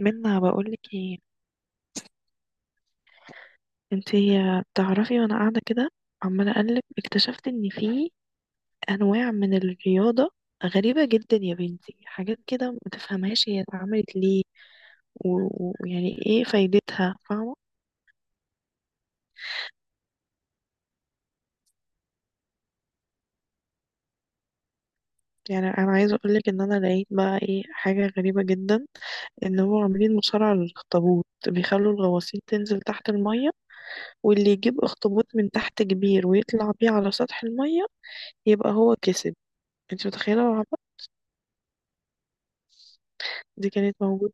منا بقولك ايه؟ انتي تعرفي وانا قاعدة كده عمالة اقلب اكتشفت ان في انواع من الرياضة غريبة جدا يا بنتي، حاجات كده ما تفهمهاش هي اتعملت ليه و- و- ويعني ايه فايدتها، فاهمة؟ يعني انا عايزة اقولك ان انا لقيت بقى ايه، حاجة غريبة جدا، ان هو عاملين مصارعة للاخطبوط، بيخلوا الغواصين تنزل تحت المية واللي يجيب اخطبوط من تحت كبير ويطلع بيه على سطح المية يبقى هو كسب. انتي متخيلة العبط؟ دي كانت موجودة،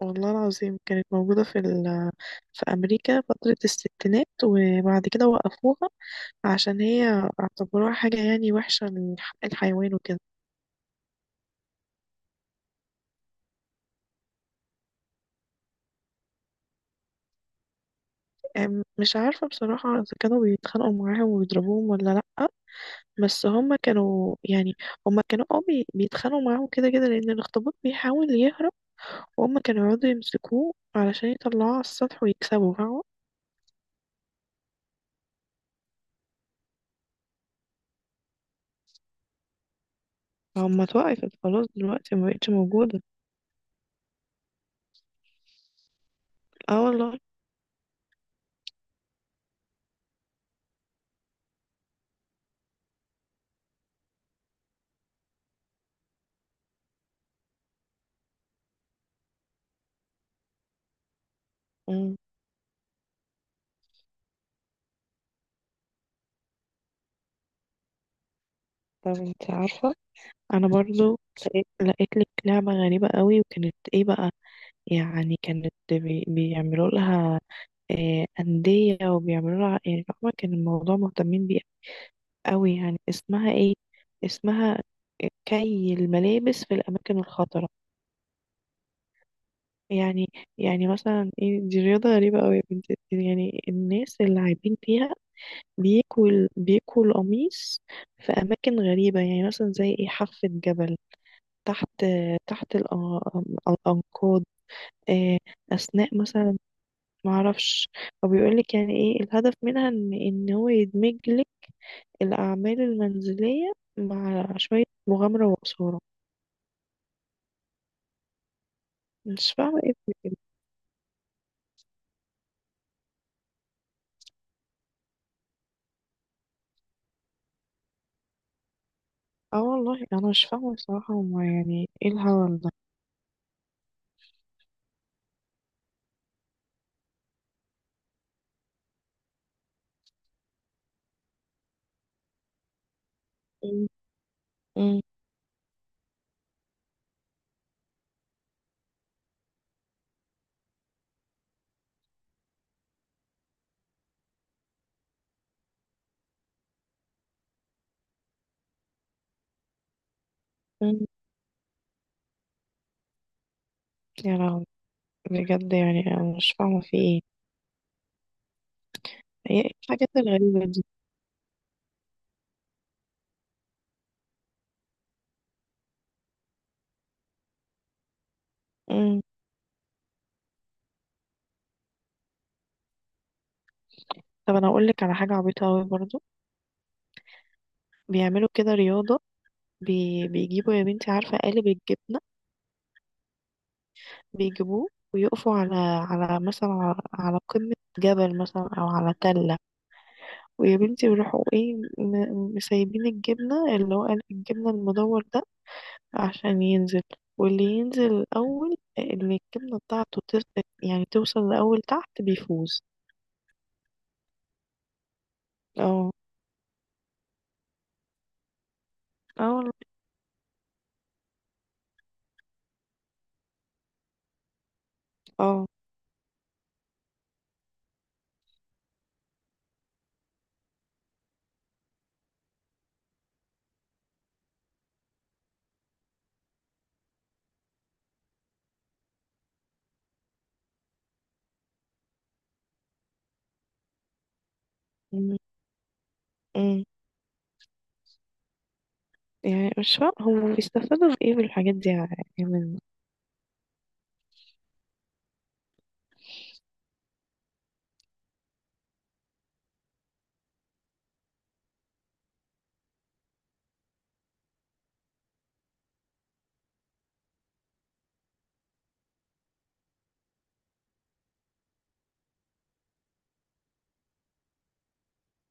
والله العظيم كانت موجودة في أمريكا فترة الستينات وبعد كده وقفوها عشان هي اعتبروها حاجة يعني وحشة، لحق الحيوان وكده. مش عارفة بصراحة إذا كانوا بيتخانقوا معاهم وبيضربوهم ولا لأ، بس هما كانوا يعني هما كانوا اه بي- بيتخانقوا معاهم كده كده لأن الأخطبوط بيحاول يهرب، وهما كانوا يقعدوا يمسكوه علشان يطلعوه على السطح ويكسبوا، فاهمة؟ هما اتوقفت خلاص، دلوقتي مبقتش موجودة. اه والله. مم. طب انت عارفة، انا برضو لقيت لك لعبة غريبة قوي، وكانت ايه بقى؟ يعني كانت بيعملوا لها أندية وبيعملوا لها، يعني فاهمة كان الموضوع مهتمين بيه قوي. يعني اسمها ايه؟ اسمها كي الملابس في الأماكن الخطرة. يعني يعني مثلا ايه، دي رياضة غريبة قوي يا بنتي، يعني الناس اللي عايبين فيها بيكوا القميص في أماكن غريبة يعني مثلا زي ايه، حافة جبل، تحت تحت الأن- الأنقاض، آه، أثناء مثلا، معرفش. هو بيقولك يعني إيه الهدف منها، إن هو يدمج لك الأعمال المنزلية مع شوية مغامرة وإثارة. مش فاهمة إيه في كده. اه والله أنا مش فاهمة بصراحة، هما يعني إيه الهبل ده؟ م- م- م. يا لهوي، بجد يعني أنا مش فاهمة في إيه، هي إيه الحاجات الغريبة دي؟ م. طب أنا أقولك على حاجة عبيطة أوي برضو، بيعملوا كده رياضة، بيجيبوا يا بنتي، عارفة قالب الجبنة؟ بيجيبوه ويقفوا على على مثلا على على قمة جبل مثلا أو على تلة، ويا بنتي بيروحوا ايه مسيبين الجبنة، اللي هو قالب الجبنة المدور ده، عشان ينزل. واللي ينزل الأول، اللي الجبنة بتاعته يعني توصل لأول تحت، بيفوز. اه اه والله. اه. م- م. يعني مش فاهم هم بيستفادوا بإيه بالحاجات دي يعني، من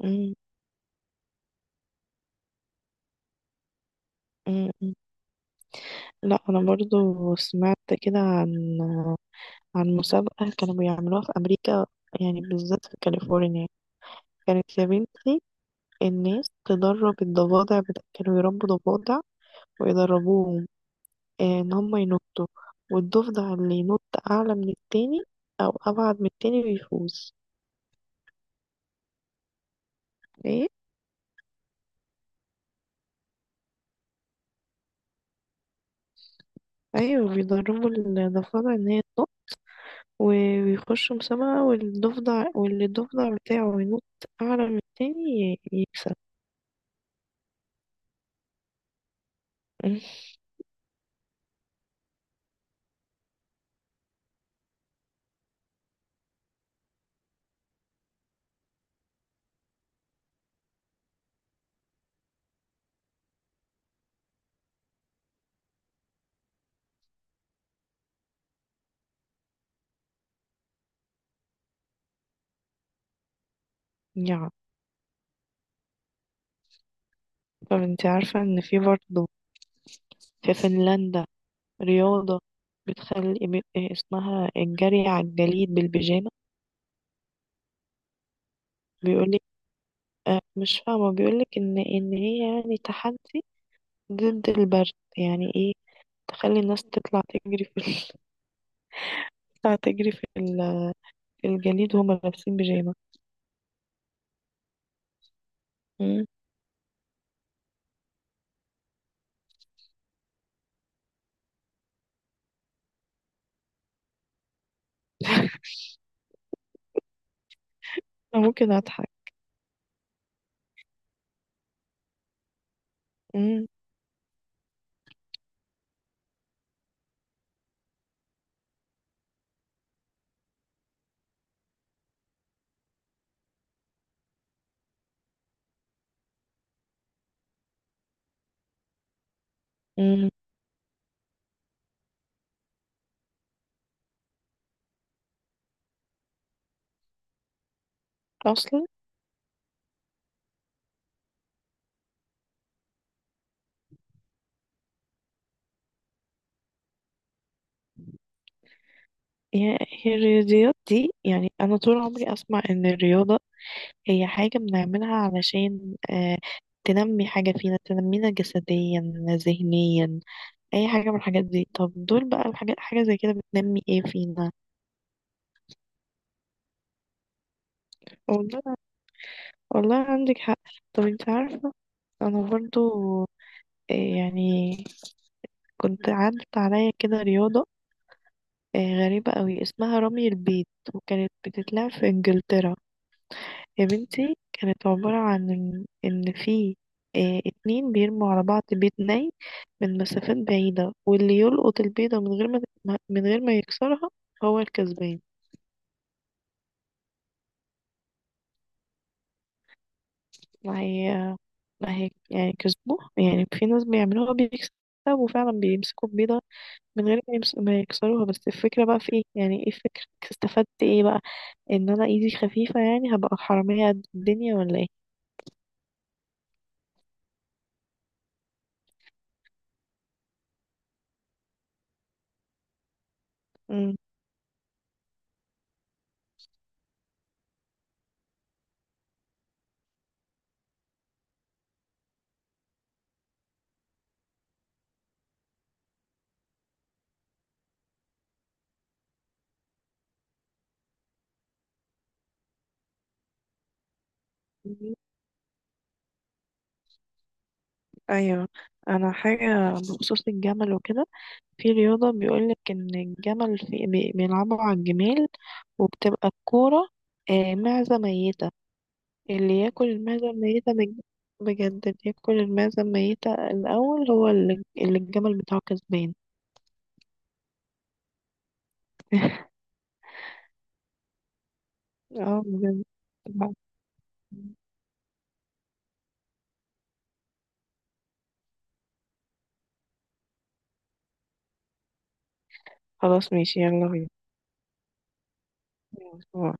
م- م. لا انا برضو سمعت كده عن عن مسابقة كانوا بيعملوها في امريكا، يعني بالذات في كاليفورنيا. كانت يا بنتي الناس تدرب الضفادع كانوا يربوا ضفادع ويدربوهم، ان هم ينطوا، والضفدع اللي ينط اعلى من التاني او ابعد من التاني بيفوز. ايه؟ ايوه، بيدربوا الضفادع ان هي تنط و- ويخشوا مسابقة، والضفدع الضفدع بتاعه ينط اعلى من التاني يكسب. يا. طب انت عارفة ان في برضه في فنلندا رياضة بتخلي اسمها الجري على الجليد بالبيجامة. بيقولك اه، مش فاهمة، بيقولك ان هي يعني تحدي ضد البرد. يعني ايه؟ تخلي الناس تطلع تجري في ال... تطلع تجري في الجليد وهم لابسين بيجامة. مم. انا ممكن اضحك. مم. مم. اصلا هي هي الرياضيات دي، يعني انا طول عمري اسمع ان الرياضة هي حاجة بنعملها علشان تنمي حاجة فينا، تنمينا جسديا، ذهنيا، أي حاجة من الحاجات دي. طب دول بقى الحاجات، حاجة زي كده بتنمي ايه فينا؟ والله والله عندك حق. طب انت عارفة، أنا برضو آه، يعني كنت عدت عليا كده رياضة آه، غريبة قوي، اسمها رمي البيت، وكانت بتتلعب في إنجلترا. يا بنتي كانت عبارة عن إن في اتنين بيرموا على بعض بيض ني من مسافات بعيدة، واللي يلقط البيضة من غير من غير ما يكسرها هو الكسبان. ما هي، ما هي يعني كسبوه، يعني في ناس بيعملوها بيكسبوا فعلا، بيمسكوا البيضة من غير ما يكسروها. بس الفكرة بقى في ايه؟ يعني ايه الفكرة، استفدت ايه بقى؟ ان انا ايدي خفيفة، يعني هبقى حرامية قد الدنيا ولا ايه؟ مم. ايوه، انا حاجة بخصوص الجمل وكده، في رياضة بيقولك إن الجمل في بيلعبوا على الجمال وبتبقى الكورة معزة ميتة. اللي ياكل المعزة الميتة بجد، اللي ياكل المعزة الميتة الأول هو اللي الجمل بتاعه كسبان. اه بجد. لا. خلاص ماشي، يلا بينا.